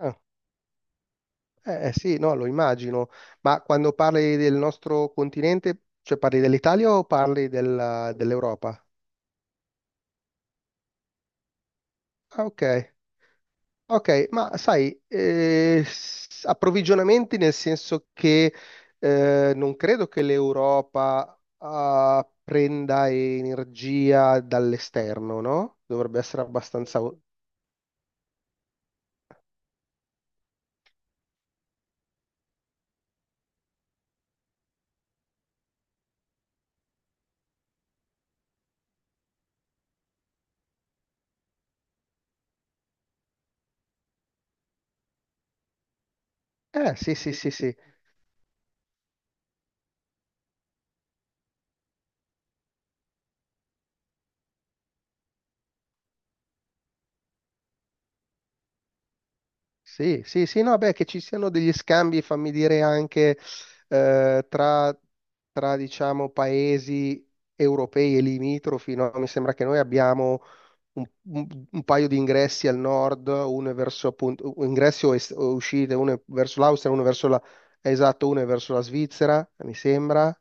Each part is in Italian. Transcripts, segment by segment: Ah, sì, no, lo immagino, ma quando parli del nostro continente, cioè parli dell'Italia o parli dell'Europa? Ah, ok, ok, ma sai, approvvigionamenti nel senso che non credo che l'Europa prenda energia dall'esterno, no? Dovrebbe essere abbastanza. Sì, sì, sì, sì. Sì, sì, sì, no, beh, che ci siano degli scambi, fammi dire, anche eh, tra, tra, diciamo, paesi europei e limitrofi, no? Mi sembra che noi abbiamo un, un paio di ingressi al nord. Uno è verso, appunto, ingressi o, o uscite, uno è verso l'Austria, uno è verso la, esatto, uno è verso la Svizzera, mi sembra.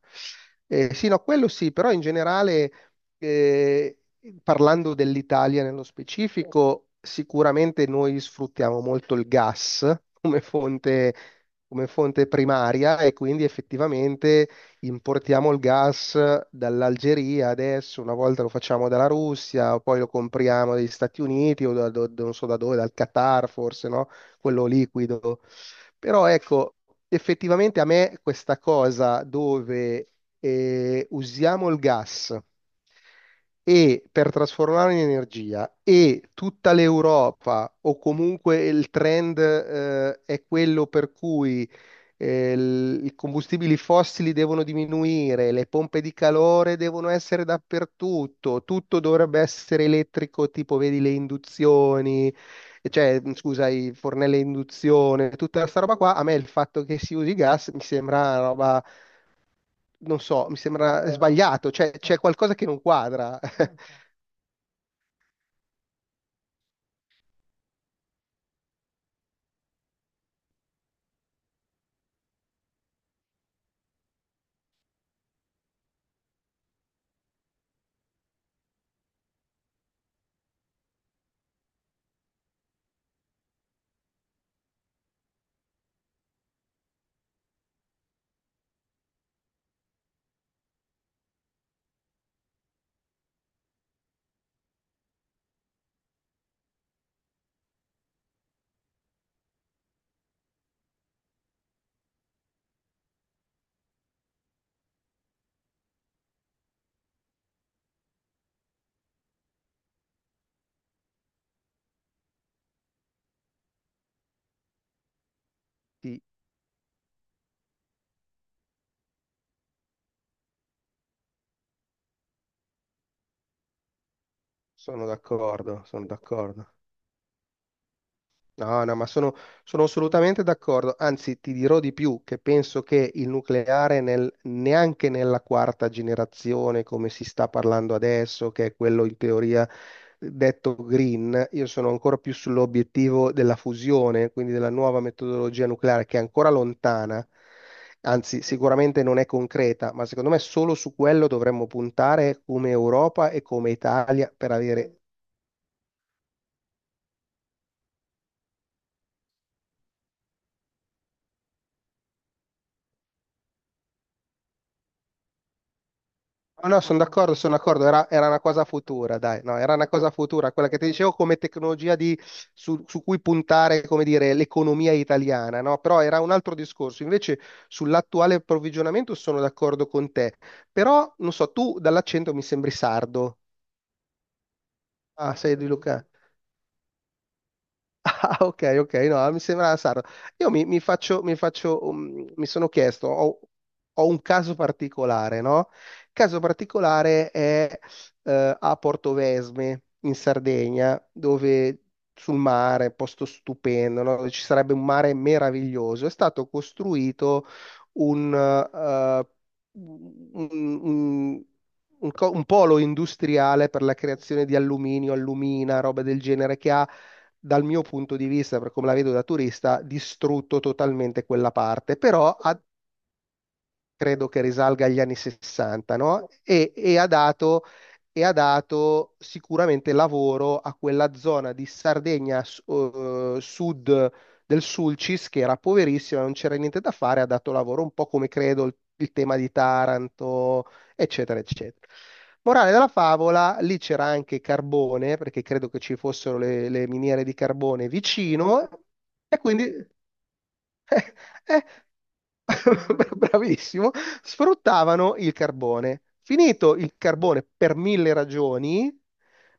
Sì, no, quello sì, però in generale, eh, parlando dell'Italia nello specifico, sicuramente noi sfruttiamo molto il gas come fonte primaria, e quindi effettivamente importiamo il gas dall'Algeria adesso, una volta lo facciamo dalla Russia, poi lo compriamo dagli Stati Uniti o da, non so da dove, dal Qatar forse, no? Quello liquido. Però ecco, effettivamente a me questa cosa dove usiamo il gas e per trasformarlo in energia, e tutta l'Europa o comunque il trend è quello per cui i combustibili fossili devono diminuire, le pompe di calore devono essere dappertutto, tutto dovrebbe essere elettrico, tipo vedi le induzioni, cioè scusa, i fornelli a induzione, tutta questa roba qua, a me il fatto che si usi gas mi sembra una roba, non so, mi sembra sbagliato, cioè c'è qualcosa che non quadra. Sì, sono d'accordo, sono d'accordo. No, no, ma sono assolutamente d'accordo. Anzi, ti dirò di più, che penso che il nucleare neanche nella quarta generazione, come si sta parlando adesso, che è quello in teoria detto green, io sono ancora più sull'obiettivo della fusione, quindi della nuova metodologia nucleare, che è ancora lontana, anzi, sicuramente non è concreta, ma secondo me solo su quello dovremmo puntare come Europa e come Italia per avere. No, no, sono d'accordo, era una cosa futura, dai, no, era una cosa futura, quella che ti dicevo come tecnologia su cui puntare, come dire, l'economia italiana, no? Però era un altro discorso. Invece sull'attuale approvvigionamento sono d'accordo con te, però, non so, tu dall'accento mi sembri sardo. Ah, sei di Lucca. Ah, ok, ok, no, ah, mi sembrava strano. Io mi sono chiesto, ho un caso particolare, no? Il caso particolare è a Portovesme, in Sardegna, dove sul mare, posto stupendo, no? Dove ci sarebbe un mare meraviglioso. È stato costruito un, eh, un un- un polo industriale per la creazione di alluminio, allumina, roba del genere, che ha, dal mio punto di vista, per come la vedo da turista, distrutto totalmente quella parte, però credo che risalga agli anni 60, no? E ha dato sicuramente lavoro a quella zona di Sardegna sud del Sulcis, che era poverissima, non c'era niente da fare, ha dato lavoro un po' come credo il tema di Taranto, eccetera, eccetera. Morale della favola, lì c'era anche carbone, perché credo che ci fossero le miniere di carbone vicino, e quindi, eh, bravissimo, sfruttavano il carbone. Finito il carbone per mille ragioni,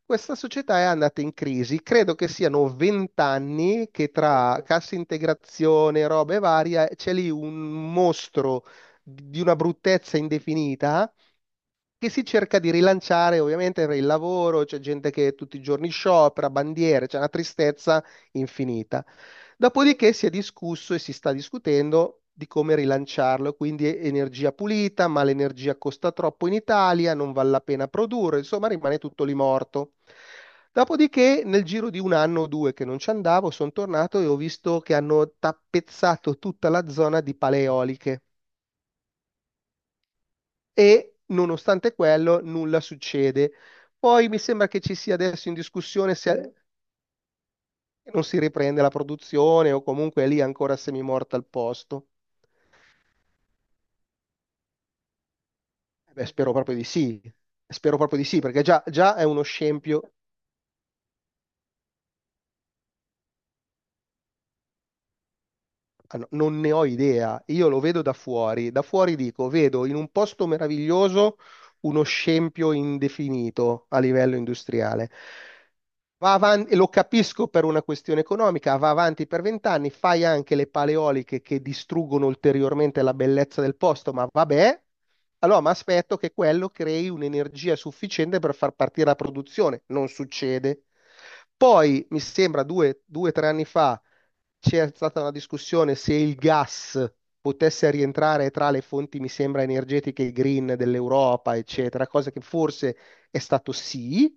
questa società è andata in crisi. Credo che siano 20 anni che, tra cassa integrazione, robe varie, c'è lì un mostro di una bruttezza indefinita, che si cerca di rilanciare ovviamente per il lavoro, c'è gente che tutti i giorni sciopera, bandiere, c'è una tristezza infinita. Dopodiché si è discusso e si sta discutendo di come rilanciarlo, quindi energia pulita, ma l'energia costa troppo in Italia, non vale la pena produrre, insomma rimane tutto lì morto. Dopodiché, nel giro di un anno o due che non ci andavo, sono tornato e ho visto che hanno tappezzato tutta la zona di paleoliche, e nonostante quello nulla succede. Poi mi sembra che ci sia adesso in discussione se non si riprende la produzione o comunque è lì ancora semimorta al posto. Eh beh, spero proprio di sì, spero proprio di sì, perché già, già è uno scempio. Ah, no, non ne ho idea, io lo vedo da fuori dico, vedo in un posto meraviglioso uno scempio indefinito a livello industriale. Va avanti, lo capisco per una questione economica, va avanti per 20 anni, fai anche le paleoliche che distruggono ulteriormente la bellezza del posto, ma vabbè, allora mi aspetto che quello crei un'energia sufficiente per far partire la produzione, non succede. Poi, mi sembra 2 o 3 anni fa, c'è stata una discussione se il gas potesse rientrare tra le fonti, mi sembra, energetiche green dell'Europa, eccetera, cosa che forse è stato sì,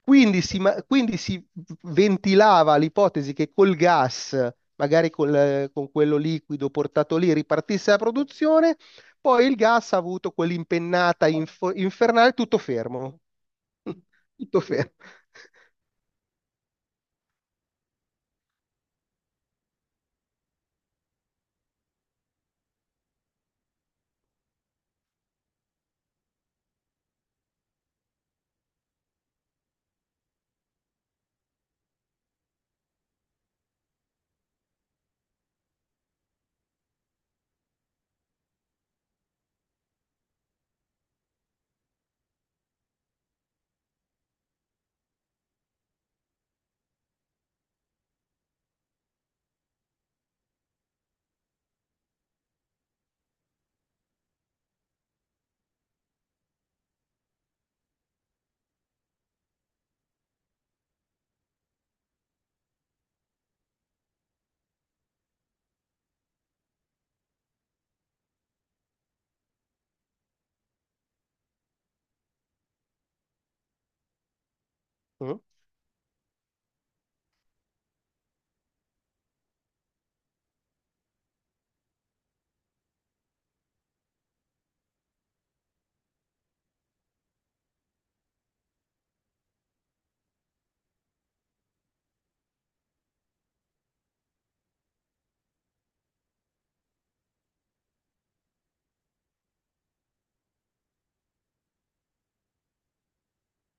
quindi si, quindi si ventilava l'ipotesi che col gas, magari col, con quello liquido portato lì, ripartisse la produzione, poi il gas ha avuto quell'impennata infernale, tutto fermo. Tutto fermo.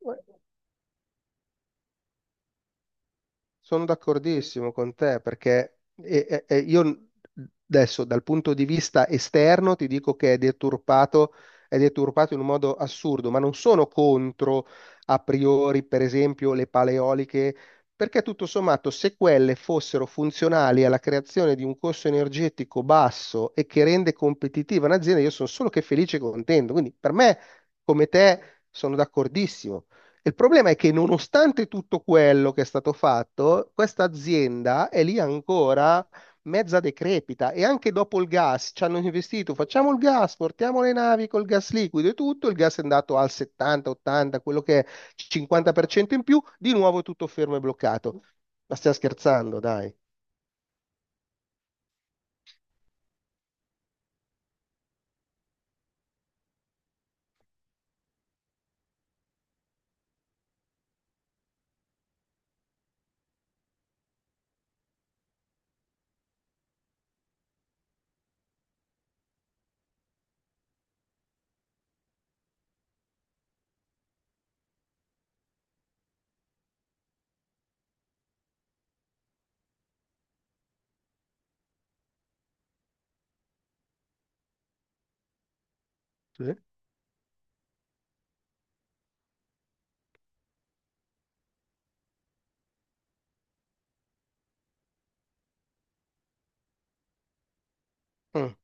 Mm? Sono d'accordissimo con te, perché io adesso dal punto di vista esterno ti dico che è deturpato in un modo assurdo, ma non sono contro a priori, per esempio, le paleoliche, perché tutto sommato se quelle fossero funzionali alla creazione di un costo energetico basso e che rende competitiva un'azienda, io sono solo che felice e contento. Quindi per me, come te, sono d'accordissimo. Il problema è che nonostante tutto quello che è stato fatto, questa azienda è lì ancora mezza decrepita, e anche dopo il gas ci hanno investito, facciamo il gas, portiamo le navi col gas liquido e tutto, il gas è andato al 70, 80, quello che è 50% in più, di nuovo tutto fermo e bloccato. Ma stiamo scherzando, dai. Sì. Mm.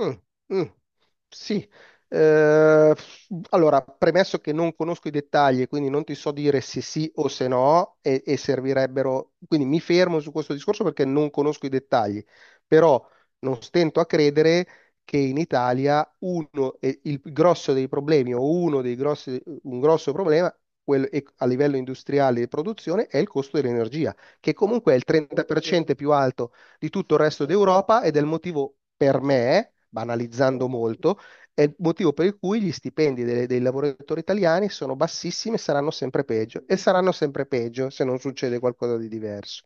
Mm, mm, sì. Eh, allora, premesso che non conosco i dettagli, quindi non ti so dire se sì o se no, e servirebbero, quindi mi fermo su questo discorso perché non conosco i dettagli, però non stento a credere che in Italia uno, e il grosso dei problemi o uno dei grossi, un grosso problema a livello industriale di produzione è il costo dell'energia, che comunque è il 30% più alto di tutto il resto d'Europa, ed è il motivo, per me, banalizzando molto, è il motivo per cui gli stipendi dei lavoratori italiani sono bassissimi e saranno sempre peggio, e saranno sempre peggio se non succede qualcosa di diverso.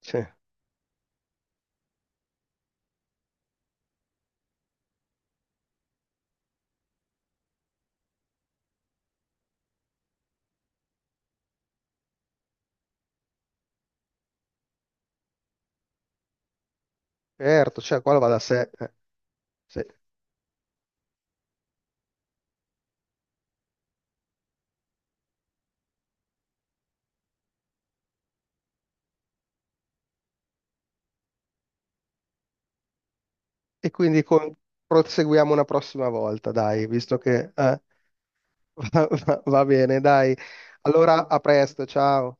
Sì, certo, cioè qua va da sé. Eh, sì. E quindi proseguiamo una prossima volta, dai, visto che va bene, dai. Allora, a presto, ciao.